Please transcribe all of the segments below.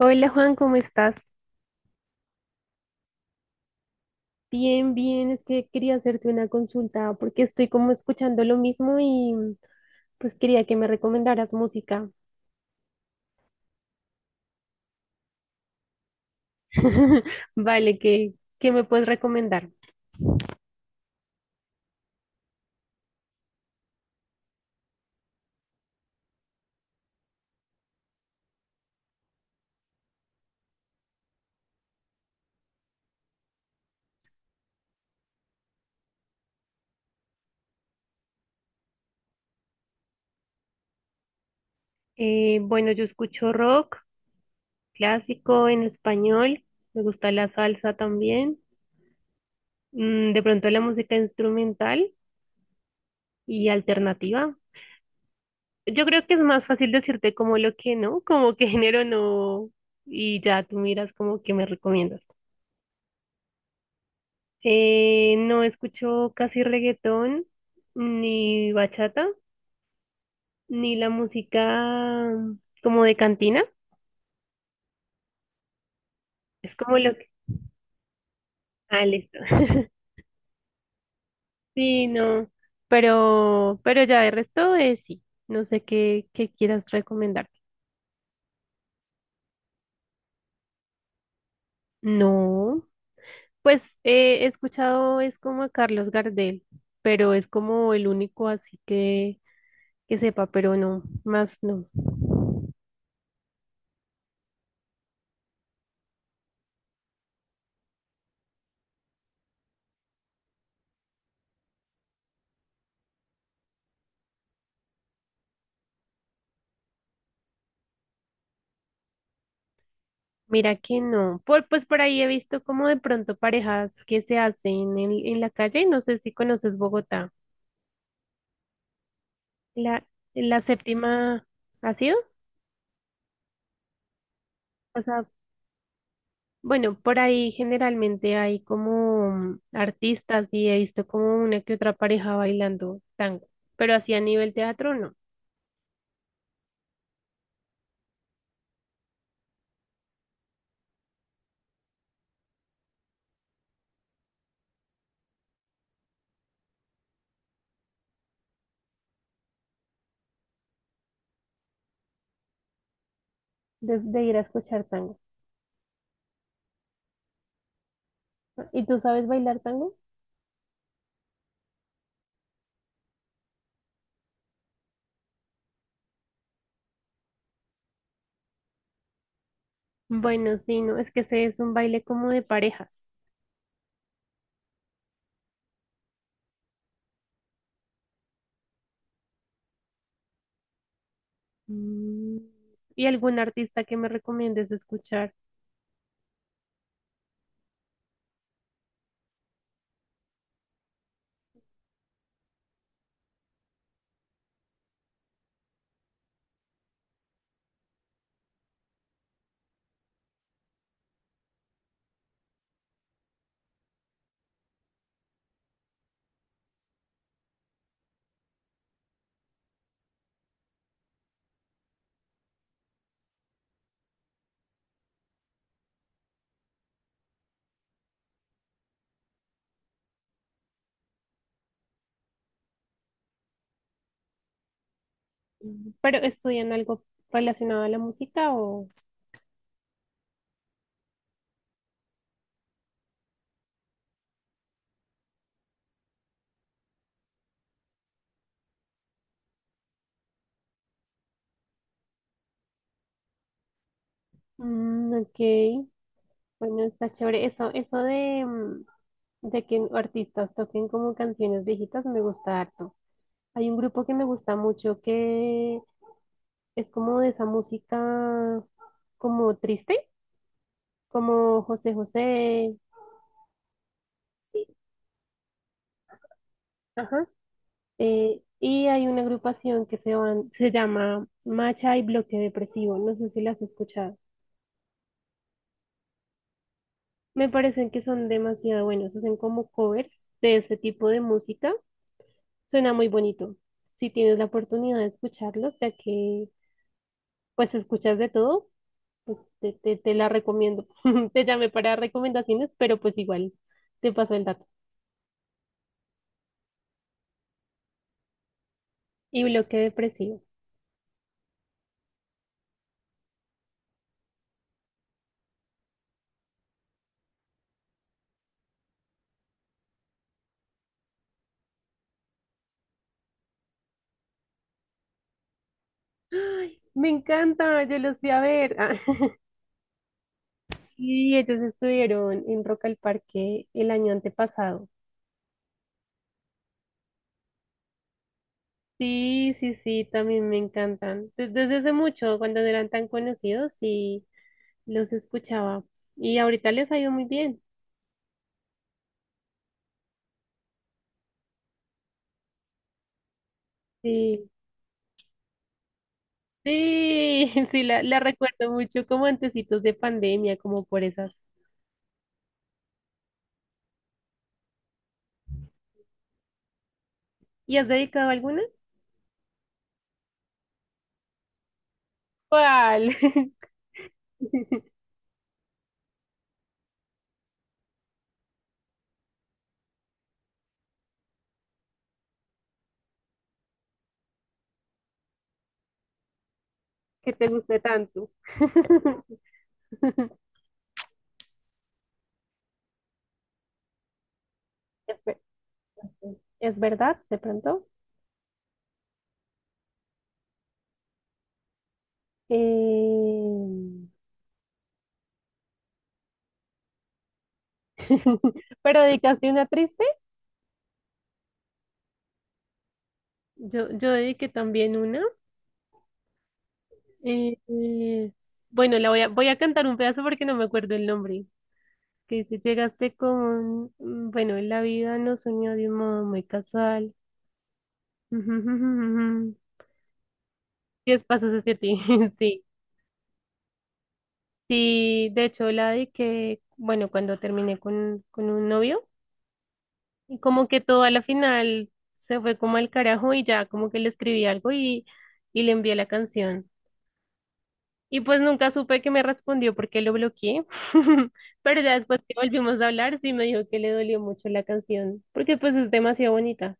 Hola Juan, ¿cómo estás? Bien, es que quería hacerte una consulta porque estoy como escuchando lo mismo y pues quería que me recomendaras música. Vale, ¿qué me puedes recomendar? Bueno, yo escucho rock clásico en español, me gusta la salsa también, de pronto la música instrumental y alternativa. Yo creo que es más fácil decirte como lo que no, como qué género no, y ya tú miras como que me recomiendas. No escucho casi reggaetón, ni bachata, ni la música como de cantina. Es como lo que... Ah, listo. Sí, no. Pero ya de resto, sí. No sé qué quieras recomendar. No. Pues he escuchado, es como a Carlos Gardel, pero es como el único que sepa, pero no, más no. Mira que no. Pues por ahí he visto como de pronto parejas que se hacen en la calle y no sé si conoces Bogotá. La, la séptima ha sido. O sea, bueno, por ahí generalmente hay como artistas y he visto como una que otra pareja bailando tango, pero así a nivel teatro no, de ir a escuchar tango. ¿Y tú sabes bailar tango? Bueno, sí, no, es que ese es un baile como de parejas. Mm, ¿y algún artista que me recomiendes escuchar? ¿Pero estudian algo relacionado a la música o...? Mm, ok, bueno, está chévere. Eso de, de que artistas toquen como canciones viejitas me gusta harto. Hay un grupo que me gusta mucho que es como de esa música como triste, como José José. Sí. Ajá. Y hay una agrupación que se llama Macha y Bloque Depresivo. No sé si las has escuchado. Me parecen que son demasiado buenos, hacen como covers de ese tipo de música. Suena muy bonito. Si tienes la oportunidad de escucharlos, ya que pues escuchas de todo, pues te la recomiendo. Te llamé para recomendaciones, pero pues igual te paso el dato. Y bloque depresivo. Me encanta, yo los fui a ver. Ah, y ellos estuvieron en Rock al Parque el año antepasado. Sí, sí, sí, también me encantan. Desde hace mucho, cuando no eran tan conocidos, sí los escuchaba. Y ahorita les ha ido muy bien. Sí, sí, sí, la recuerdo mucho como antecitos de pandemia, como por esas. ¿Y has dedicado alguna? ¿Cuál? Que te guste tanto. Es ver- es verdad, de pronto. Eh, ¿pero dedicaste una triste? Yo dediqué también una. Eh, bueno, voy a cantar un pedazo porque no me acuerdo el nombre. Que dice, bueno, la vida nos unió de un modo muy casual. Diez pasos hacia ti, sí. Sí, de hecho, la de que, bueno, cuando terminé con un novio, y como que todo a la final se fue como al carajo y ya como que le escribí algo y le envié la canción. Y pues nunca supe que me respondió porque lo bloqueé. Pero ya después que volvimos a hablar, sí me dijo que le dolió mucho la canción, porque pues es demasiado bonita.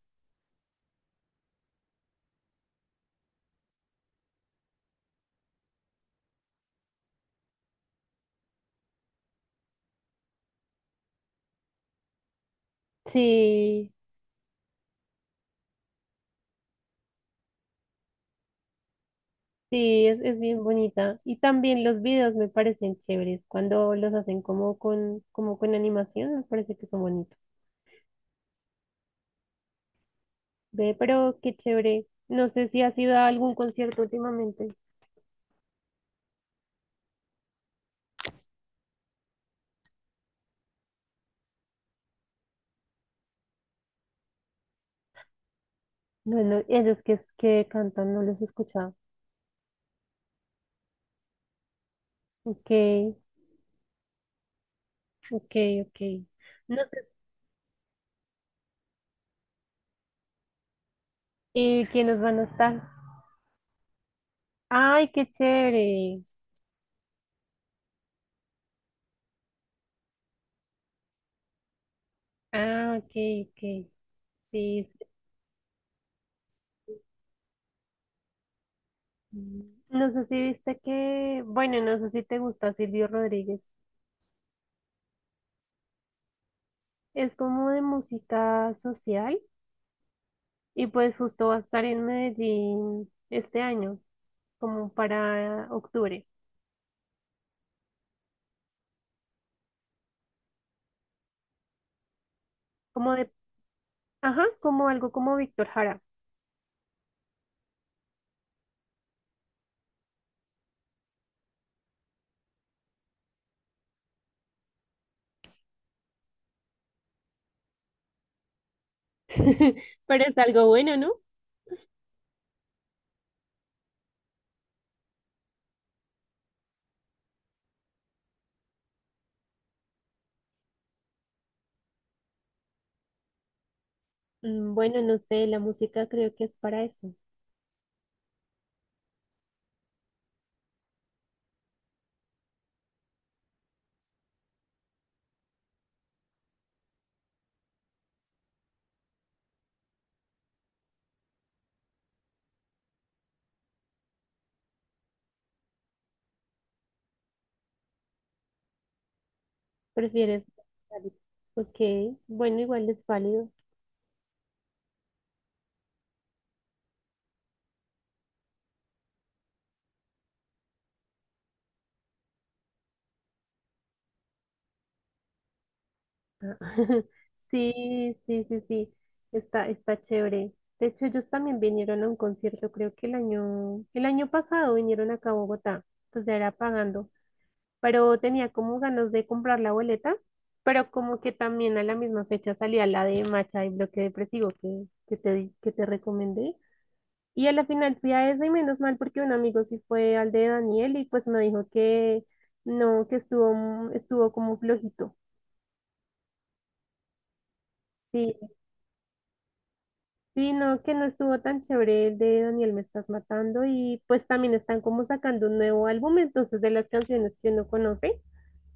Sí. Sí, es bien bonita. Y también los videos me parecen chéveres. Cuando los hacen como con animación, me parece que son bonitos. Ve, pero qué chévere. No sé si has ido a algún concierto últimamente. Bueno, ellos que cantan, no los he escuchado. Ok, ok, ok. No sé quiénes van a estar. Ay, qué chévere. Ah, ok, ok. Sí, sí. No sé si viste que, bueno, no sé si te gusta Silvio Rodríguez. Es como de música social y pues justo va a estar en Medellín este año, como para octubre, como de, ajá, como algo como Víctor Jara. Pero es algo bueno, ¿no? Mm, bueno, no sé, la música creo que es para eso. ¿Prefieres? Ok, bueno, igual es válido. Sí, sí, sí, sí, está, está chévere. De hecho, ellos también vinieron a un concierto, creo que el año pasado vinieron acá a Bogotá, pues ya era pagando, pero tenía como ganas de comprar la boleta, pero como que también a la misma fecha salía la de Macha y Bloque Depresivo que te recomendé. Y a la final fui a esa y menos mal porque un amigo sí fue al de Daniel y pues me dijo que no, que estuvo como flojito. Sí, sí, no, que no estuvo tan chévere el de Daniel Me Estás Matando y pues también están como sacando un nuevo álbum, entonces de las canciones que uno conoce,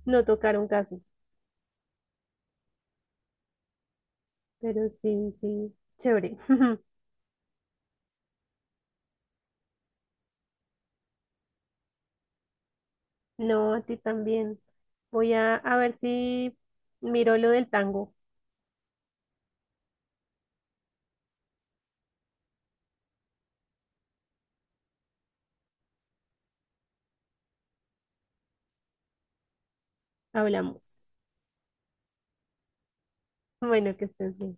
no tocaron casi, pero sí, sí, chévere. No, a ti también. A ver si miro lo del tango, hablamos. Bueno, que estés bien.